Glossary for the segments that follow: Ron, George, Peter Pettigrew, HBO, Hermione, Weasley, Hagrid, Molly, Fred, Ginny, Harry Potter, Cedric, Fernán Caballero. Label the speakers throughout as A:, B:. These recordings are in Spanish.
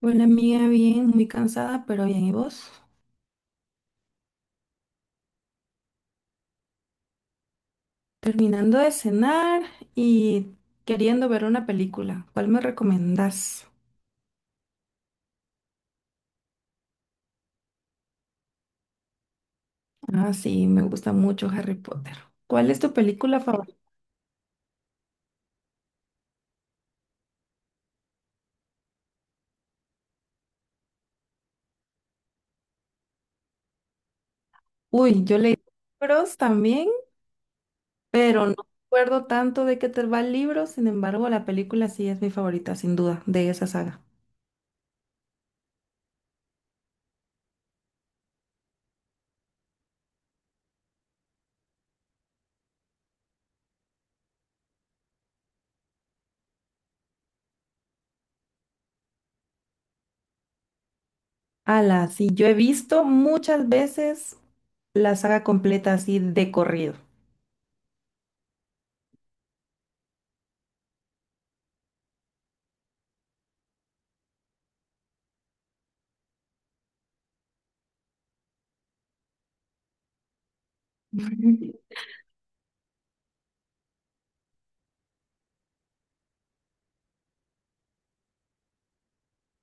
A: Bueno, amiga, bien, muy cansada, pero bien. ¿Y vos? Terminando de cenar y queriendo ver una película. ¿Cuál me recomendás? Ah, sí, me gusta mucho Harry Potter. ¿Cuál es tu película favorita? Uy, yo leí libros también, pero no recuerdo tanto de qué te va el libro. Sin embargo, la película sí es mi favorita, sin duda, de esa saga. Ala, sí, yo he visto muchas veces la saga completa así de corrido.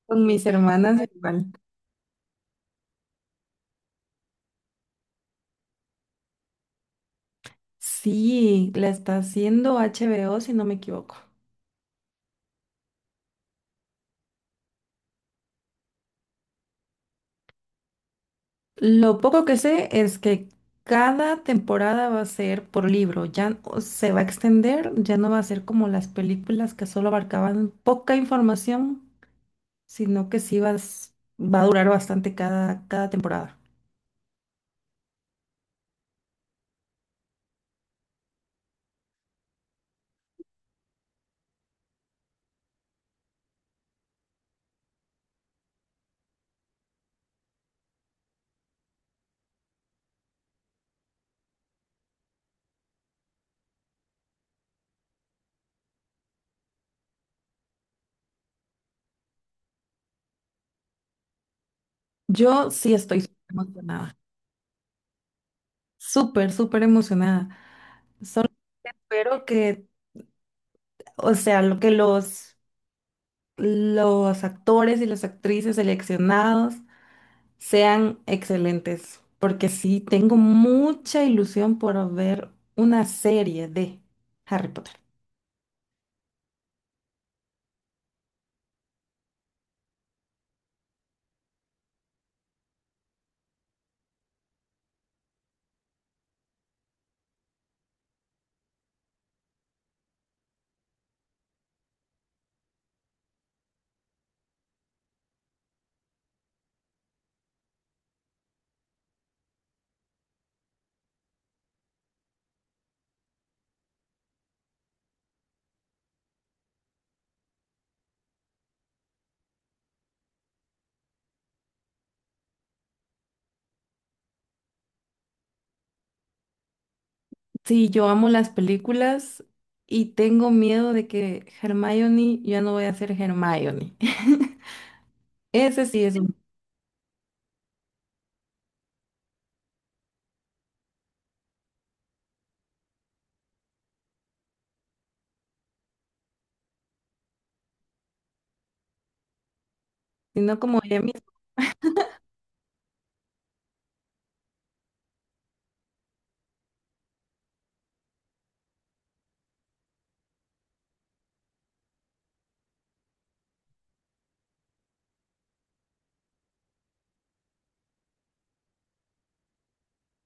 A: Con mis hermanas igual. Sí, la está haciendo HBO, si no me equivoco. Lo poco que sé es que cada temporada va a ser por libro, o se va a extender, ya no va a ser como las películas que solo abarcaban poca información, sino que va a durar bastante cada temporada. Yo sí estoy súper emocionada, súper, súper emocionada. Solo espero que, o sea, lo que los actores y las actrices seleccionados sean excelentes, porque sí tengo mucha ilusión por ver una serie de Harry Potter. Sí, yo amo las películas y tengo miedo de que Hermione ya no voy a ser Hermione. Ese sí es un, sino como ella misma.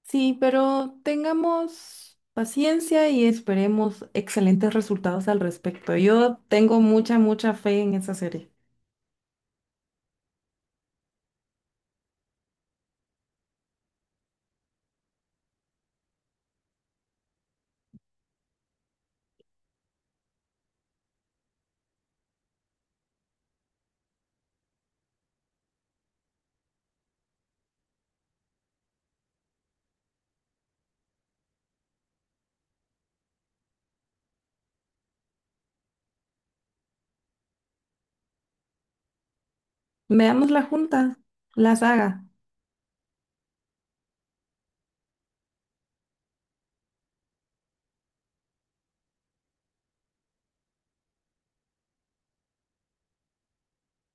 A: Sí, pero tengamos paciencia y esperemos excelentes resultados al respecto. Yo tengo mucha, mucha fe en esa serie. Veamos la junta, la saga.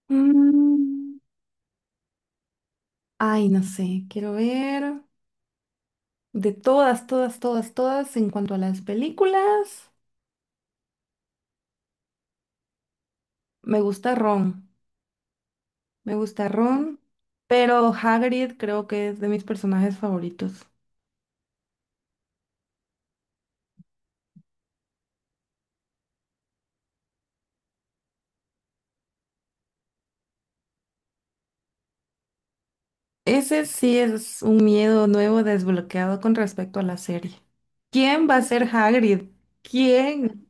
A: Mm. Ay, no sé, quiero ver de todas, todas, todas, todas en cuanto a las películas. Me gusta Ron, me gusta Ron, pero Hagrid creo que es de mis personajes favoritos. Ese sí es un miedo nuevo desbloqueado con respecto a la serie. ¿Quién va a ser Hagrid? ¿Quién?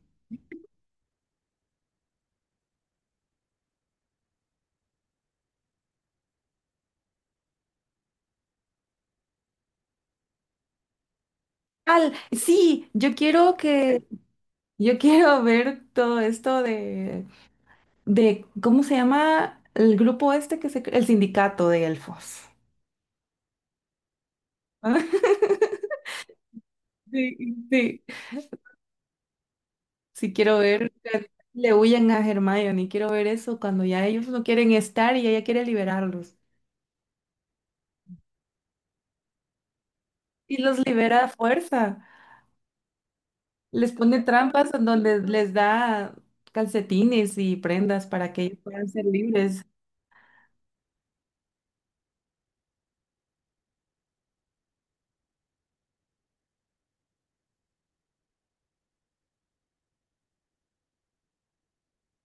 A: Al, sí, yo quiero que, yo quiero ver todo esto ¿cómo se llama el grupo este que se, el sindicato de elfos? Sí, sí. Sí, quiero ver que le huyen a Hermione, quiero ver eso cuando ya ellos no quieren estar y ella quiere liberarlos. Y los libera a fuerza. Les pone trampas en donde les da calcetines y prendas para que ellos puedan ser libres.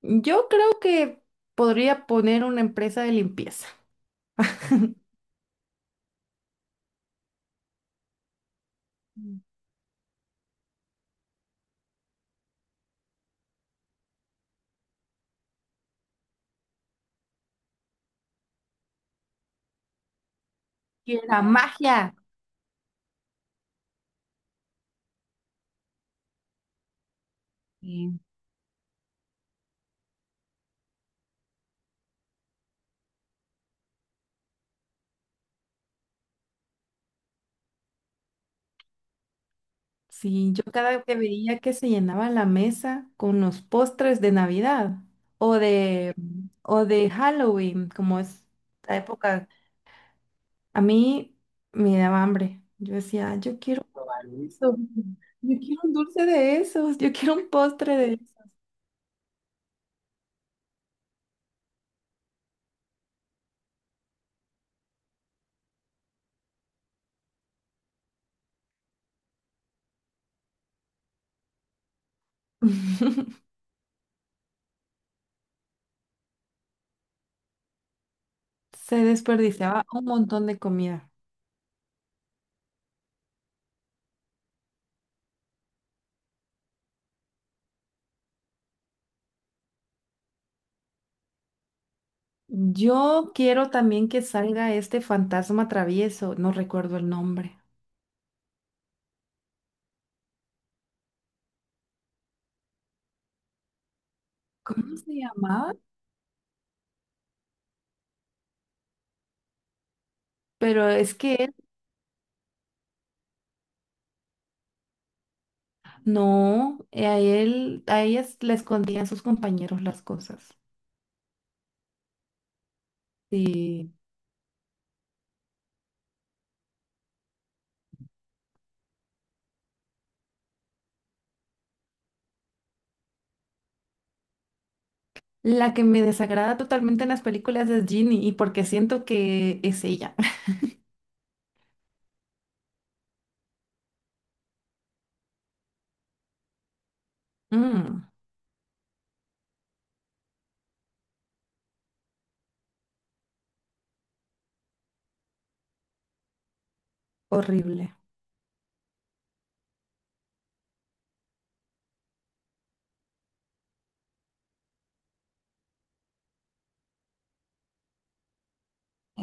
A: Yo creo que podría poner una empresa de limpieza. ¡Que la magia! Sí, yo cada vez que veía que se llenaba la mesa con los postres de Navidad o de, o de Halloween, como es la época, a mí me daba hambre. Yo decía, "Ah, yo quiero probar eso, yo quiero un dulce de esos, yo quiero un postre de esos". Se desperdiciaba un montón de comida. Yo quiero también que salga este fantasma travieso, no recuerdo el nombre. ¿Cómo se llamaba? Pero es que no, a él, a ellas le escondían sus compañeros las cosas. Sí. La que me desagrada totalmente en las películas es Ginny, y porque siento que es ella. Mm, horrible.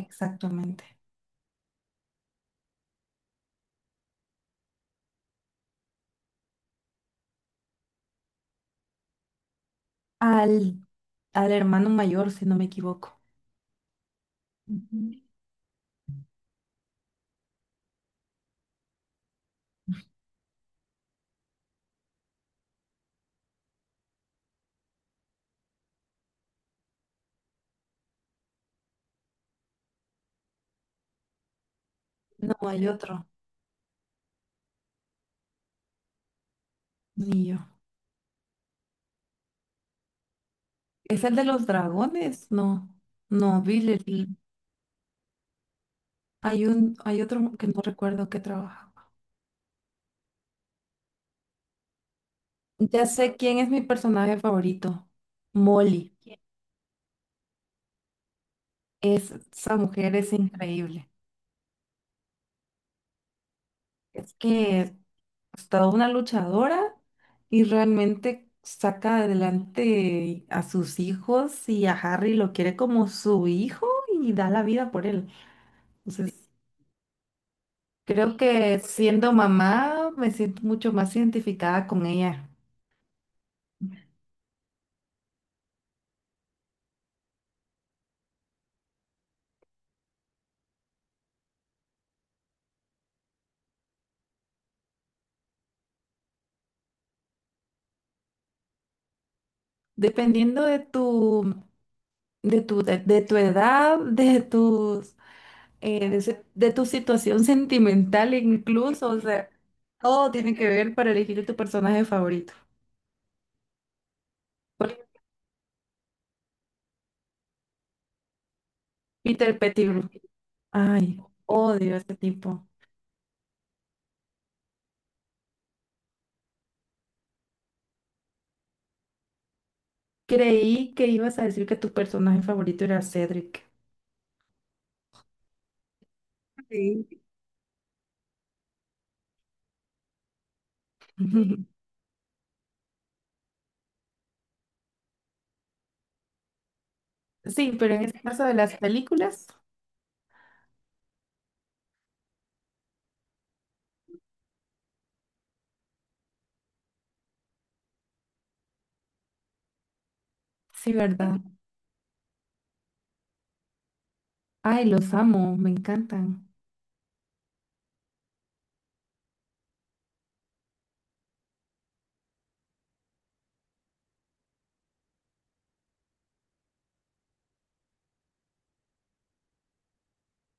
A: Exactamente. Al, al hermano mayor, si no me equivoco. Ujú. No hay otro, ni yo. ¿Es el de los dragones? No, no, Billy. Hay un, hay otro que no recuerdo que trabajaba. Ya sé quién es mi personaje favorito. Molly. Es, esa mujer es increíble. Es que es, pues, toda una luchadora y realmente saca adelante a sus hijos y a Harry lo quiere como su hijo y da la vida por él. Entonces, creo que siendo mamá me siento mucho más identificada con ella. Dependiendo de de tu edad, de tus de, ese- de tu situación sentimental incluso, o sea, todo tiene que ver para elegir tu personaje favorito. Por ejemplo, Peter Pettigrew. Ay, odio a ese tipo. Creí que ibas a decir que tu personaje favorito era Cedric. Sí. Sí, pero en este caso de las películas, sí, ¿verdad? Ay, los amo, me encantan.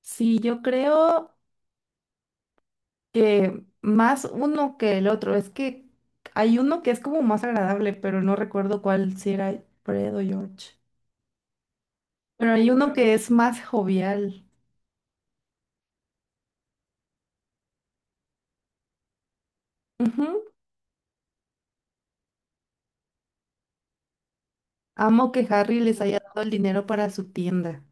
A: Sí, yo creo que más uno que el otro. Es que hay uno que es como más agradable, pero no recuerdo cuál, si era Fred o George. Pero hay uno que es más jovial. Ujú. Amo que Harry les haya dado el dinero para su tienda.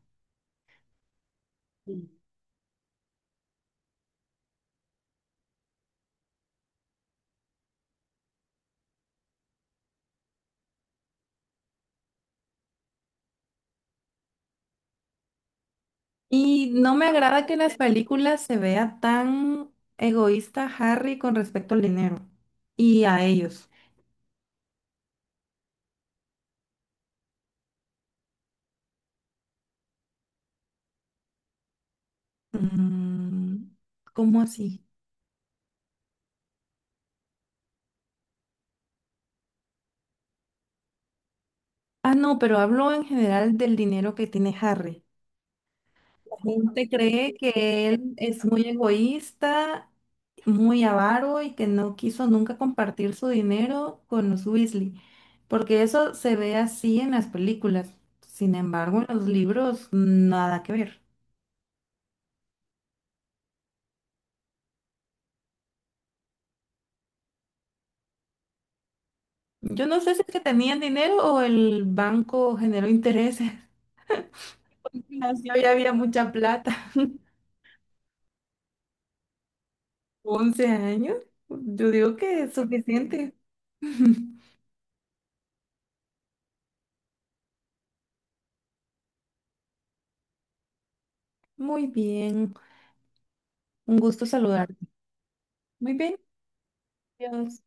A: Y no me agrada que en las películas se vea tan egoísta Harry con respecto al dinero y a ellos. Mm, ¿cómo así? Ah, no, pero hablo en general del dinero que tiene Harry. La gente cree que él es muy egoísta, muy avaro y que no quiso nunca compartir su dinero con los Weasley, porque eso se ve así en las películas. Sin embargo, en los libros nada que ver. Yo no sé si es que tenían dinero o el banco generó intereses. Así ya había mucha plata. 11 años, yo digo que es suficiente. Muy bien, un gusto saludarte. Muy bien, adiós.